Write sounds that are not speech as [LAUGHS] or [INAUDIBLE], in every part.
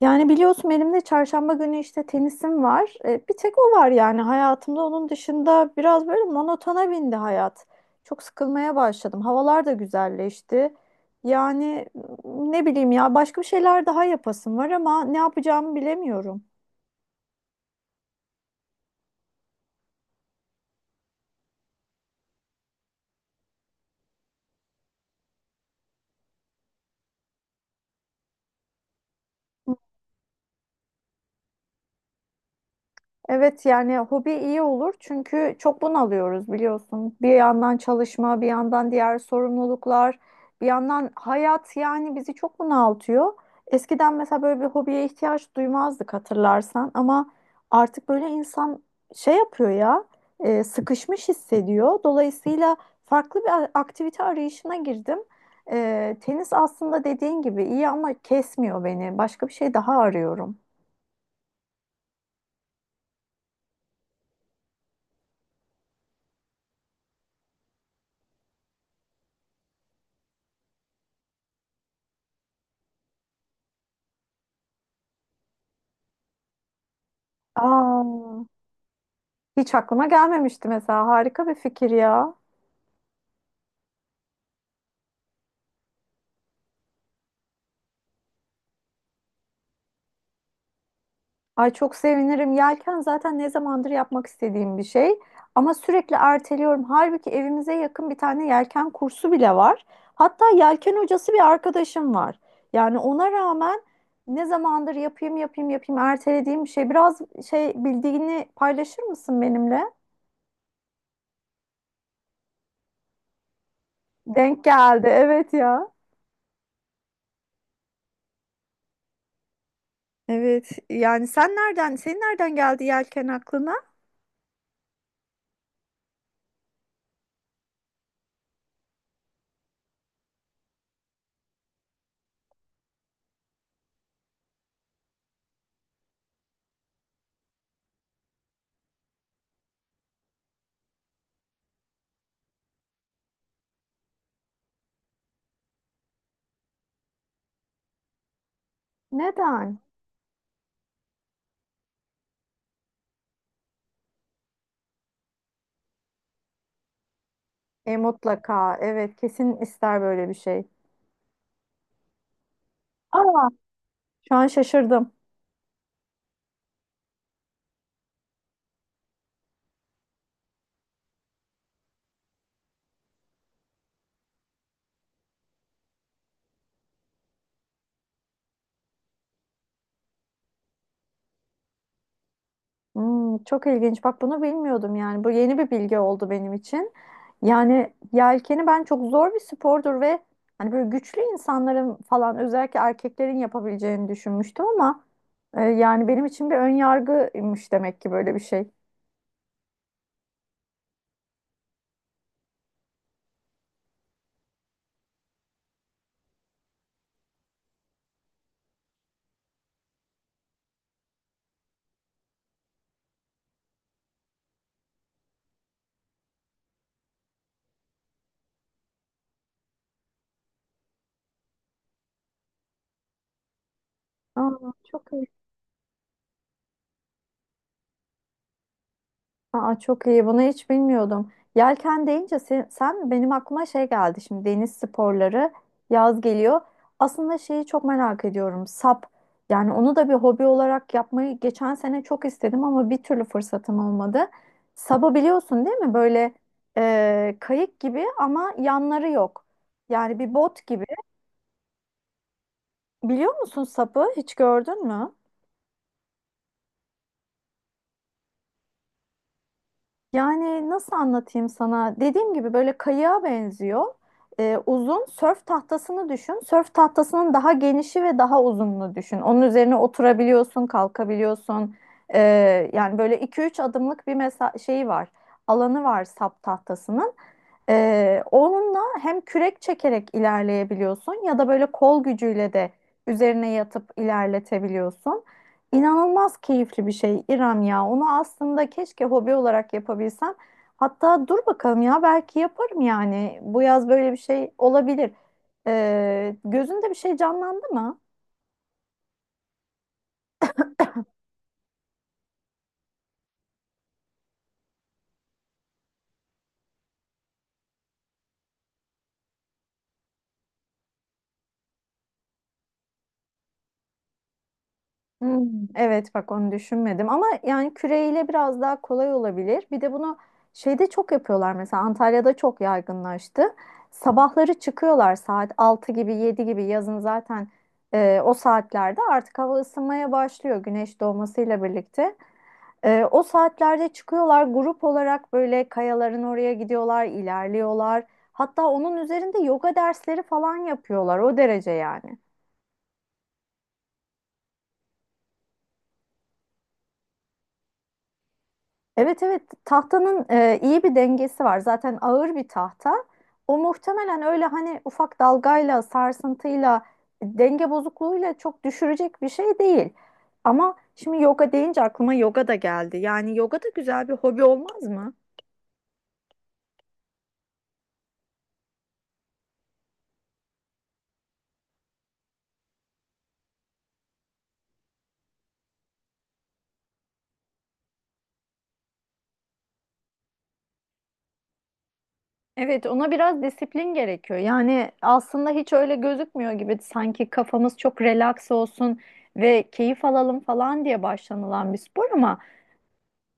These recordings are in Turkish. Yani biliyorsun elimde çarşamba günü işte tenisim var. Bir tek o var yani hayatımda. Onun dışında biraz böyle monotona bindi hayat. Çok sıkılmaya başladım. Havalar da güzelleşti. Yani ne bileyim ya başka bir şeyler daha yapasım var ama ne yapacağımı bilemiyorum. Evet yani hobi iyi olur çünkü çok bunalıyoruz biliyorsun. Bir yandan çalışma, bir yandan diğer sorumluluklar, bir yandan hayat yani bizi çok bunaltıyor. Eskiden mesela böyle bir hobiye ihtiyaç duymazdık hatırlarsan ama artık böyle insan şey yapıyor ya, sıkışmış hissediyor. Dolayısıyla farklı bir aktivite arayışına girdim. Tenis aslında dediğin gibi iyi ama kesmiyor beni. Başka bir şey daha arıyorum. Aa, hiç aklıma gelmemişti mesela. Harika bir fikir ya. Ay çok sevinirim. Yelken zaten ne zamandır yapmak istediğim bir şey. Ama sürekli erteliyorum. Halbuki evimize yakın bir tane yelken kursu bile var. Hatta yelken hocası bir arkadaşım var. Yani ona rağmen ne zamandır yapayım yapayım yapayım ertelediğim bir şey. Biraz şey bildiğini paylaşır mısın benimle? Denk geldi. Evet ya. Evet. Yani senin nereden geldi yelken aklına? Neden? E mutlaka. Evet, kesin ister böyle bir şey. Aa, şu an şaşırdım. Hmm, çok ilginç. Bak bunu bilmiyordum yani. Bu yeni bir bilgi oldu benim için. Yani yelkeni ben çok zor bir spordur ve hani böyle güçlü insanların falan özellikle erkeklerin yapabileceğini düşünmüştüm ama yani benim için bir ön yargıymış demek ki böyle bir şey. Aa, çok Aa, çok iyi. Bunu hiç bilmiyordum. Yelken deyince sen benim aklıma şey geldi. Şimdi deniz sporları yaz geliyor. Aslında şeyi çok merak ediyorum. Sap. Yani onu da bir hobi olarak yapmayı geçen sene çok istedim ama bir türlü fırsatım olmadı. Sabı biliyorsun değil mi? Böyle kayık gibi ama yanları yok. Yani bir bot gibi. Biliyor musun sapı? Hiç gördün mü? Yani nasıl anlatayım sana? Dediğim gibi böyle kayığa benziyor. Uzun sörf tahtasını düşün. Sörf tahtasının daha genişi ve daha uzunluğu düşün. Onun üzerine oturabiliyorsun, kalkabiliyorsun. Yani böyle iki üç adımlık bir mesa şeyi var. Alanı var sap tahtasının. Onunla hem kürek çekerek ilerleyebiliyorsun ya da böyle kol gücüyle de üzerine yatıp ilerletebiliyorsun. İnanılmaz keyifli bir şey İrem ya. Onu aslında keşke hobi olarak yapabilsem. Hatta dur bakalım ya belki yaparım yani. Bu yaz böyle bir şey olabilir. Gözünde bir şey canlandı mı? Hmm, evet bak onu düşünmedim ama yani küreyle biraz daha kolay olabilir. Bir de bunu şeyde çok yapıyorlar mesela Antalya'da çok yaygınlaştı. Sabahları çıkıyorlar saat 6 gibi 7 gibi yazın zaten o saatlerde artık hava ısınmaya başlıyor güneş doğmasıyla birlikte. O saatlerde çıkıyorlar grup olarak böyle kayaların oraya gidiyorlar, ilerliyorlar. Hatta onun üzerinde yoga dersleri falan yapıyorlar o derece yani. Evet, evet, tahtanın iyi bir dengesi var. Zaten ağır bir tahta. O muhtemelen öyle hani ufak dalgayla, sarsıntıyla, denge bozukluğuyla çok düşürecek bir şey değil. Ama şimdi yoga deyince aklıma yoga da geldi. Yani yoga da güzel bir hobi olmaz mı? Evet, ona biraz disiplin gerekiyor. Yani aslında hiç öyle gözükmüyor gibi sanki kafamız çok relax olsun ve keyif alalım falan diye başlanılan bir spor ama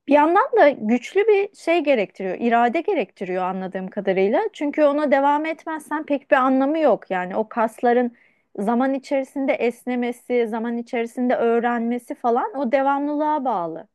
bir yandan da güçlü bir şey gerektiriyor, irade gerektiriyor anladığım kadarıyla. Çünkü ona devam etmezsen pek bir anlamı yok. Yani o kasların zaman içerisinde esnemesi, zaman içerisinde öğrenmesi falan o devamlılığa bağlı.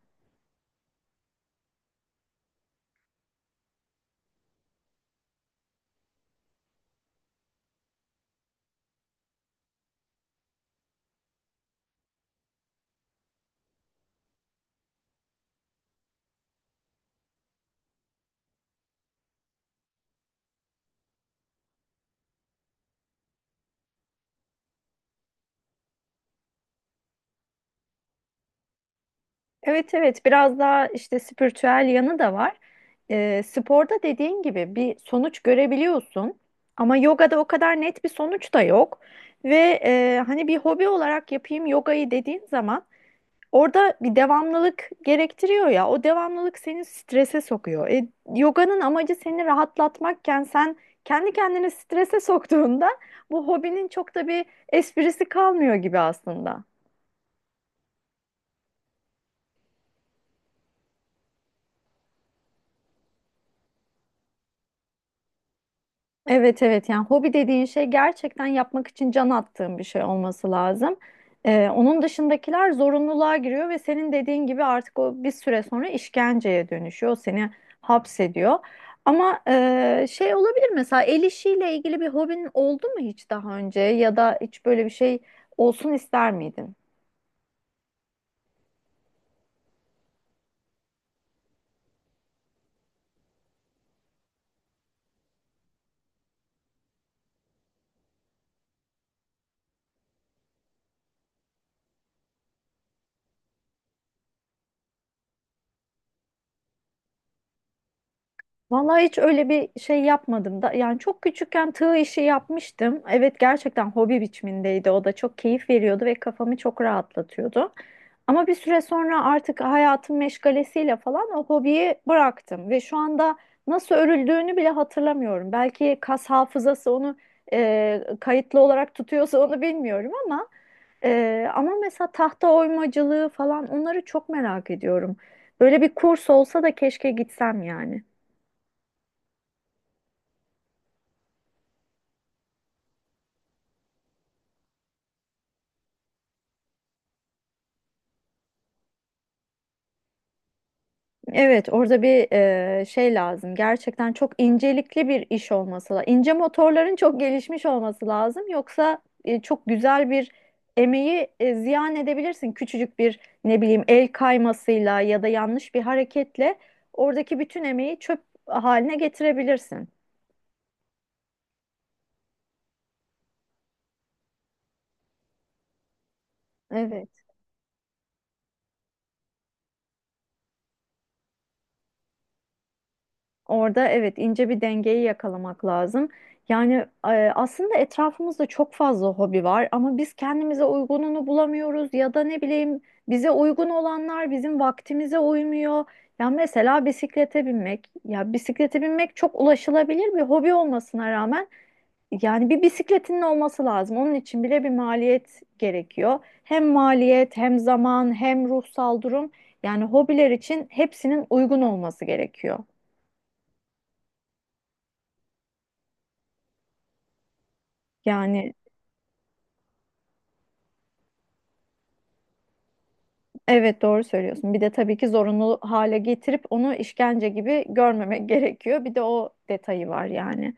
Evet, evet, biraz daha işte spiritüel yanı da var. Sporda dediğin gibi bir sonuç görebiliyorsun ama yogada o kadar net bir sonuç da yok. Ve hani bir hobi olarak yapayım yogayı dediğin zaman orada bir devamlılık gerektiriyor ya o devamlılık seni strese sokuyor. Yoganın amacı seni rahatlatmakken sen kendi kendini strese soktuğunda bu hobinin çok da bir esprisi kalmıyor gibi aslında. Evet, evet, yani hobi dediğin şey gerçekten yapmak için can attığın bir şey olması lazım. Onun dışındakiler zorunluluğa giriyor ve senin dediğin gibi artık o bir süre sonra işkenceye dönüşüyor. Seni hapsediyor. Ama şey olabilir mesela el işiyle ilgili bir hobin oldu mu hiç daha önce ya da hiç böyle bir şey olsun ister miydin? Vallahi hiç öyle bir şey yapmadım da yani çok küçükken tığ işi yapmıştım. Evet gerçekten hobi biçimindeydi o da çok keyif veriyordu ve kafamı çok rahatlatıyordu. Ama bir süre sonra artık hayatın meşgalesiyle falan o hobiyi bıraktım ve şu anda nasıl örüldüğünü bile hatırlamıyorum. Belki kas hafızası onu kayıtlı olarak tutuyorsa onu bilmiyorum ama ama mesela tahta oymacılığı falan onları çok merak ediyorum. Böyle bir kurs olsa da keşke gitsem yani. Evet, orada bir şey lazım. Gerçekten çok incelikli bir iş olması lazım. İnce motorların çok gelişmiş olması lazım. Yoksa çok güzel bir emeği ziyan edebilirsin. Küçücük bir ne bileyim el kaymasıyla ya da yanlış bir hareketle oradaki bütün emeği çöp haline getirebilirsin. Evet. Orada evet ince bir dengeyi yakalamak lazım. Yani aslında etrafımızda çok fazla hobi var ama biz kendimize uygununu bulamıyoruz ya da ne bileyim bize uygun olanlar bizim vaktimize uymuyor. Ya mesela bisiklete binmek. Ya bisiklete binmek çok ulaşılabilir bir hobi olmasına rağmen yani bir bisikletinin olması lazım. Onun için bile bir maliyet gerekiyor. Hem maliyet, hem zaman, hem ruhsal durum. Yani hobiler için hepsinin uygun olması gerekiyor. Yani evet doğru söylüyorsun. Bir de tabii ki zorunlu hale getirip onu işkence gibi görmemek [LAUGHS] gerekiyor. Bir de o detayı var yani.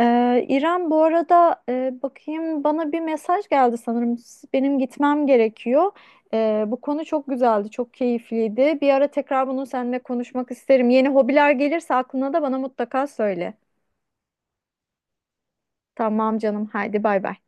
İrem bu arada bakayım bana bir mesaj geldi sanırım. Benim gitmem gerekiyor. Bu konu çok güzeldi, çok keyifliydi. Bir ara tekrar bunu seninle konuşmak isterim. Yeni hobiler gelirse aklına da bana mutlaka söyle. Tamam canım, haydi bay bay.